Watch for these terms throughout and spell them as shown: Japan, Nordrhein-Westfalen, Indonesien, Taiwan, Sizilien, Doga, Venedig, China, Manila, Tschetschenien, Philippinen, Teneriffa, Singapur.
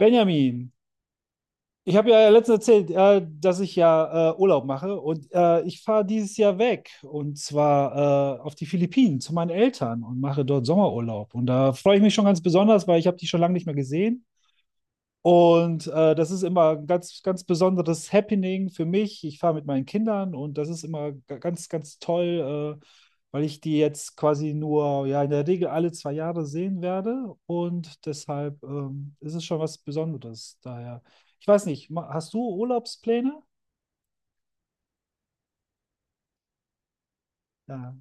Benjamin, ich habe ja letztens erzählt, dass ich ja Urlaub mache und ich fahre dieses Jahr weg und zwar auf die Philippinen zu meinen Eltern und mache dort Sommerurlaub. Und da freue ich mich schon ganz besonders, weil ich habe die schon lange nicht mehr gesehen. Und das ist immer ein ganz, ganz besonderes Happening für mich. Ich fahre mit meinen Kindern und das ist immer ganz, ganz toll, weil ich die jetzt quasi nur, ja, in der Regel alle zwei Jahre sehen werde. Und deshalb ist es schon was Besonderes. Daher, ich weiß nicht, hast du Urlaubspläne? Ja.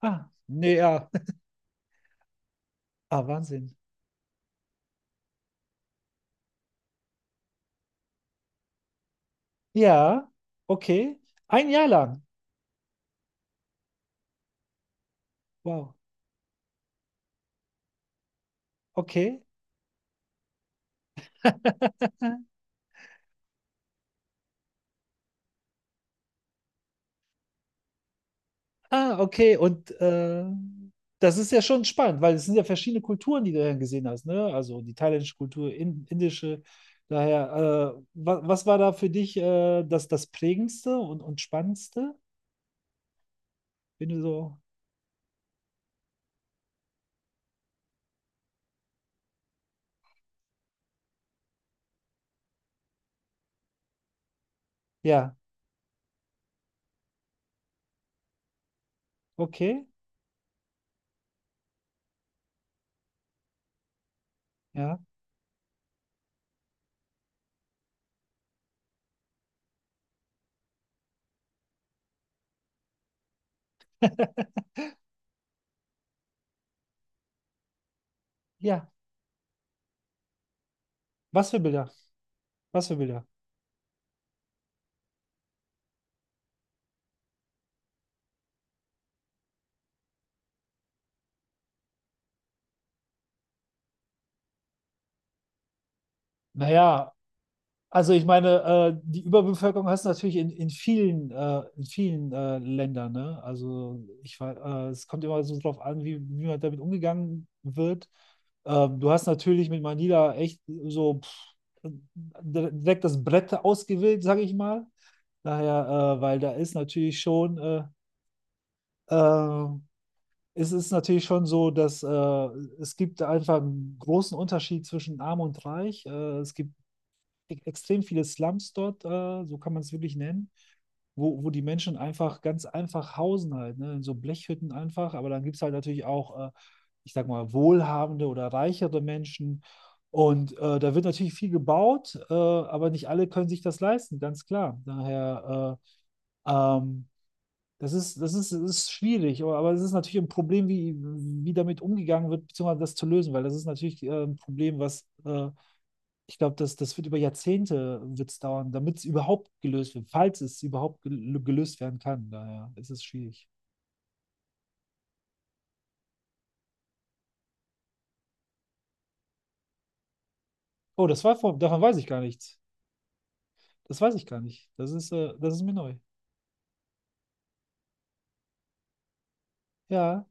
Ah, nee, ja. Ah, Wahnsinn. Ja, okay. Ein Jahr lang. Wow. Okay. Ah, okay. Und das ist ja schon spannend, weil es sind ja verschiedene Kulturen, die du dann gesehen hast, ne? Also die thailändische Kultur, indische. Daher, was war da für dich das Prägendste und Spannendste? Wenn du so, ja, okay, ja, ja. Was für Bilder? Was für Bilder? Naja, also ich meine, die Überbevölkerung hast du natürlich in vielen Ländern, ne? Es kommt immer so drauf an, wie man damit umgegangen wird. Du hast natürlich mit Manila echt so pff, direkt das Brett ausgewählt, sage ich mal. Daher, weil da ist natürlich schon, äh, es ist natürlich schon so, dass es gibt einfach einen großen Unterschied zwischen Arm und Reich. Es gibt extrem viele Slums dort, so kann man es wirklich nennen, wo die Menschen einfach ganz einfach hausen halt, ne? In so Blechhütten einfach, aber dann gibt es halt natürlich auch, ich sag mal, wohlhabende oder reichere Menschen. Und da wird natürlich viel gebaut, aber nicht alle können sich das leisten, ganz klar. Daher, äh, ähm, das ist schwierig, aber es ist natürlich ein Problem, wie damit umgegangen wird, beziehungsweise das zu lösen, weil das ist natürlich ein Problem, was ich glaube, das wird über Jahrzehnte wird's dauern, damit es überhaupt gelöst wird, falls es überhaupt gelöst werden kann. Daher ist es schwierig. Oh, das war davon weiß ich gar nichts. Das weiß ich gar nicht. Das ist mir neu. Ja,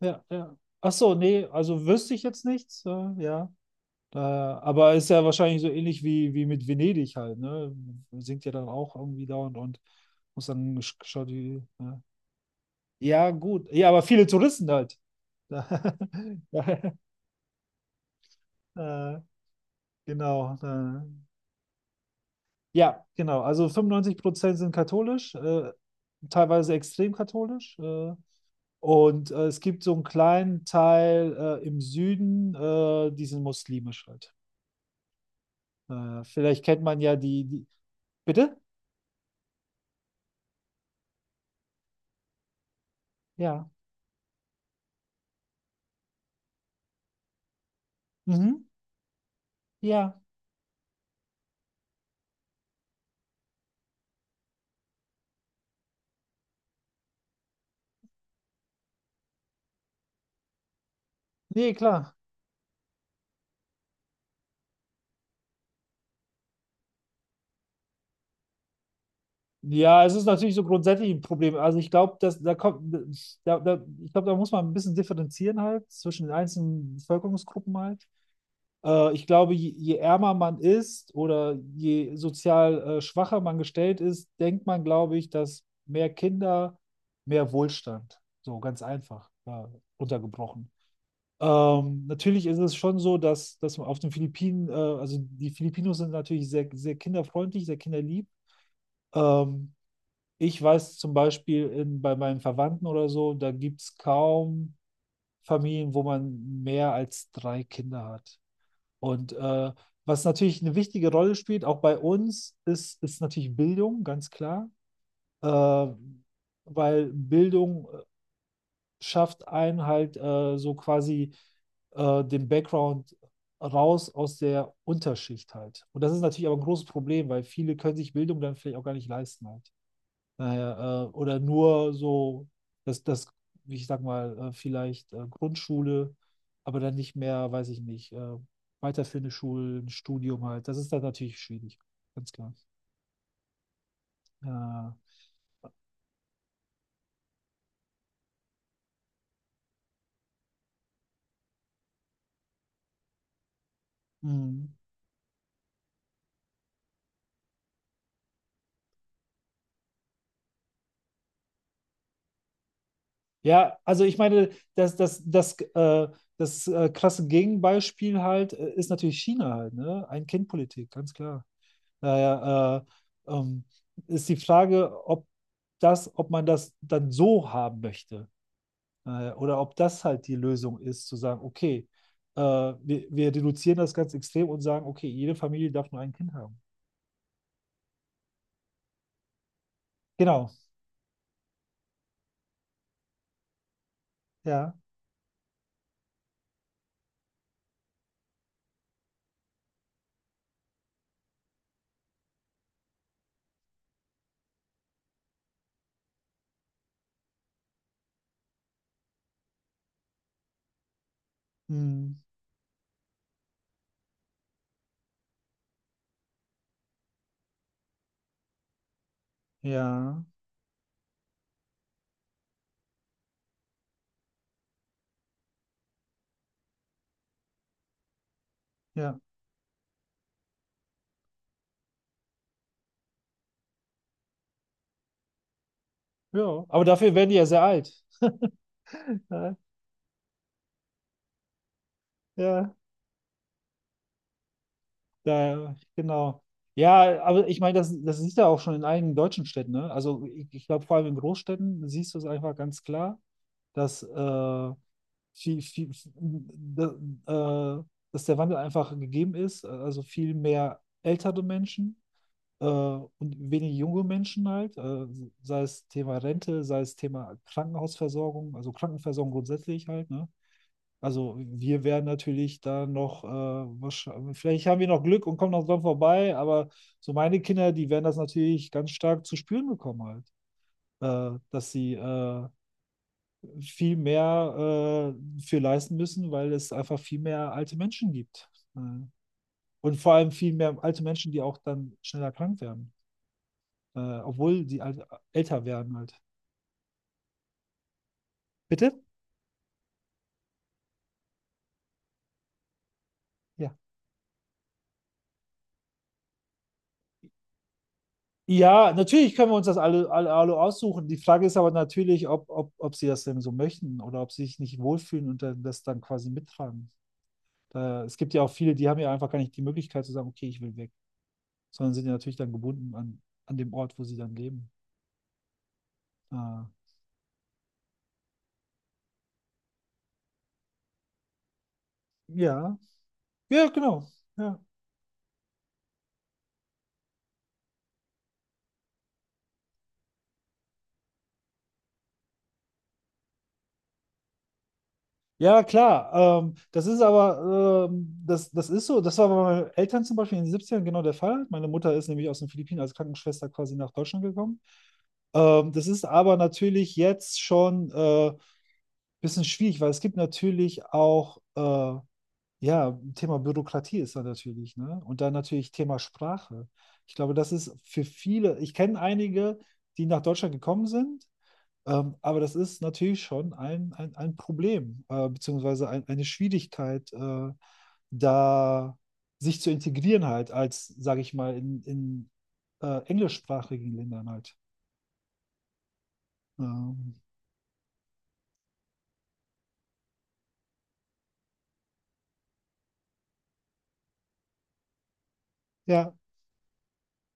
ja, ja. Ach so, nee, also wüsste ich jetzt nichts. Ja. Aber ist ja wahrscheinlich so ähnlich wie mit Venedig halt, ne? Singt ja dann auch irgendwie dauernd und muss dann geschaut, wie. Ja. Ja, gut. Ja, aber viele Touristen halt. Da, äh, genau. Da. Ja, genau. Also 95% sind katholisch, teilweise extrem katholisch. Und es gibt so einen kleinen Teil im Süden, die sind muslimisch halt. Vielleicht kennt man ja die, die. Bitte? Ja. Mhm. Ja. Nee, klar. Ja, es ist natürlich so grundsätzlich ein Problem. Also ich glaube, dass da kommt, da, da, ich glaube, da muss man ein bisschen differenzieren halt zwischen den einzelnen Bevölkerungsgruppen halt. Ich glaube, je ärmer man ist oder je sozial schwacher man gestellt ist, denkt man, glaube ich, dass mehr Kinder, mehr Wohlstand, so ganz einfach runtergebrochen. Natürlich ist es schon so, dass man auf den Philippinen, also die Filipinos sind natürlich sehr, sehr kinderfreundlich, sehr kinderlieb. Ähm, Ich weiß zum Beispiel bei meinen Verwandten oder so, da gibt es kaum Familien, wo man mehr als drei Kinder hat. Und was natürlich eine wichtige Rolle spielt, auch bei uns, ist natürlich Bildung, ganz klar. Äh, Weil Bildung schafft einen halt so quasi den Background raus aus der Unterschicht halt. Und das ist natürlich aber ein großes Problem, weil viele können sich Bildung dann vielleicht auch gar nicht leisten halt. Naja, oder nur so, das, ich sag mal, vielleicht Grundschule, aber dann nicht mehr, weiß ich nicht, weiterführende Schulen, Studium halt. Das ist dann natürlich schwierig, ganz klar. Ja. Mm. Ja, also ich meine, das, das krasse Gegenbeispiel halt ist natürlich China halt, ne? Ein-Kind-Politik, ganz klar. Daher äh, ähm, ist die Frage, ob ob man das dann so haben möchte. Oder ob das halt die Lösung ist, zu sagen, okay, wir reduzieren das ganz extrem und sagen, okay, jede Familie darf nur ein Kind haben. Genau, ja. Hm. Ja, ja, ja. Aber dafür werden die ja sehr alt. Ja, ja, genau. Ja, aber ich meine, das siehst du auch schon in einigen deutschen Städten, ne? Also ich glaube, vor allem in Großstädten siehst du es einfach ganz klar. dass, viel, viel, da- äh, Dass der Wandel einfach gegeben ist, also viel mehr ältere Menschen und wenig junge Menschen halt, sei es Thema Rente, sei es Thema Krankenhausversorgung, also Krankenversorgung grundsätzlich halt, ne? Also wir werden natürlich da noch, wahrscheinlich, vielleicht haben wir noch Glück und kommen noch dran vorbei, aber so meine Kinder, die werden das natürlich ganz stark zu spüren bekommen halt, dass sie viel mehr für leisten müssen, weil es einfach viel mehr alte Menschen gibt. Äh, und vor allem viel mehr alte Menschen, die auch dann schneller krank werden, obwohl älter werden halt. Bitte? Ja. Ja, natürlich können wir uns das alle, alle, alle aussuchen. Die Frage ist aber natürlich, ob sie das denn so möchten oder ob sie sich nicht wohlfühlen und dann, das dann quasi mittragen. Es gibt ja auch viele, die haben ja einfach gar nicht die Möglichkeit zu sagen, okay, ich will weg, sondern sind ja natürlich dann gebunden an dem Ort, wo sie dann leben. Äh, ja, ja, genau. Ja, ja klar. Das ist aber, das ist so, das war bei meinen Eltern zum Beispiel in den 70ern genau der Fall. Meine Mutter ist nämlich aus den Philippinen als Krankenschwester quasi nach Deutschland gekommen. Das ist aber natürlich jetzt schon ein bisschen schwierig, weil es gibt natürlich auch, ja, Thema Bürokratie ist da natürlich, ne? Und dann natürlich Thema Sprache. Ich glaube, das ist für viele, ich kenne einige, die nach Deutschland gekommen sind. Aber das ist natürlich schon ein Problem, beziehungsweise eine Schwierigkeit, da sich zu integrieren halt, als, sage ich mal, in englischsprachigen Ländern halt. Ähm, ja,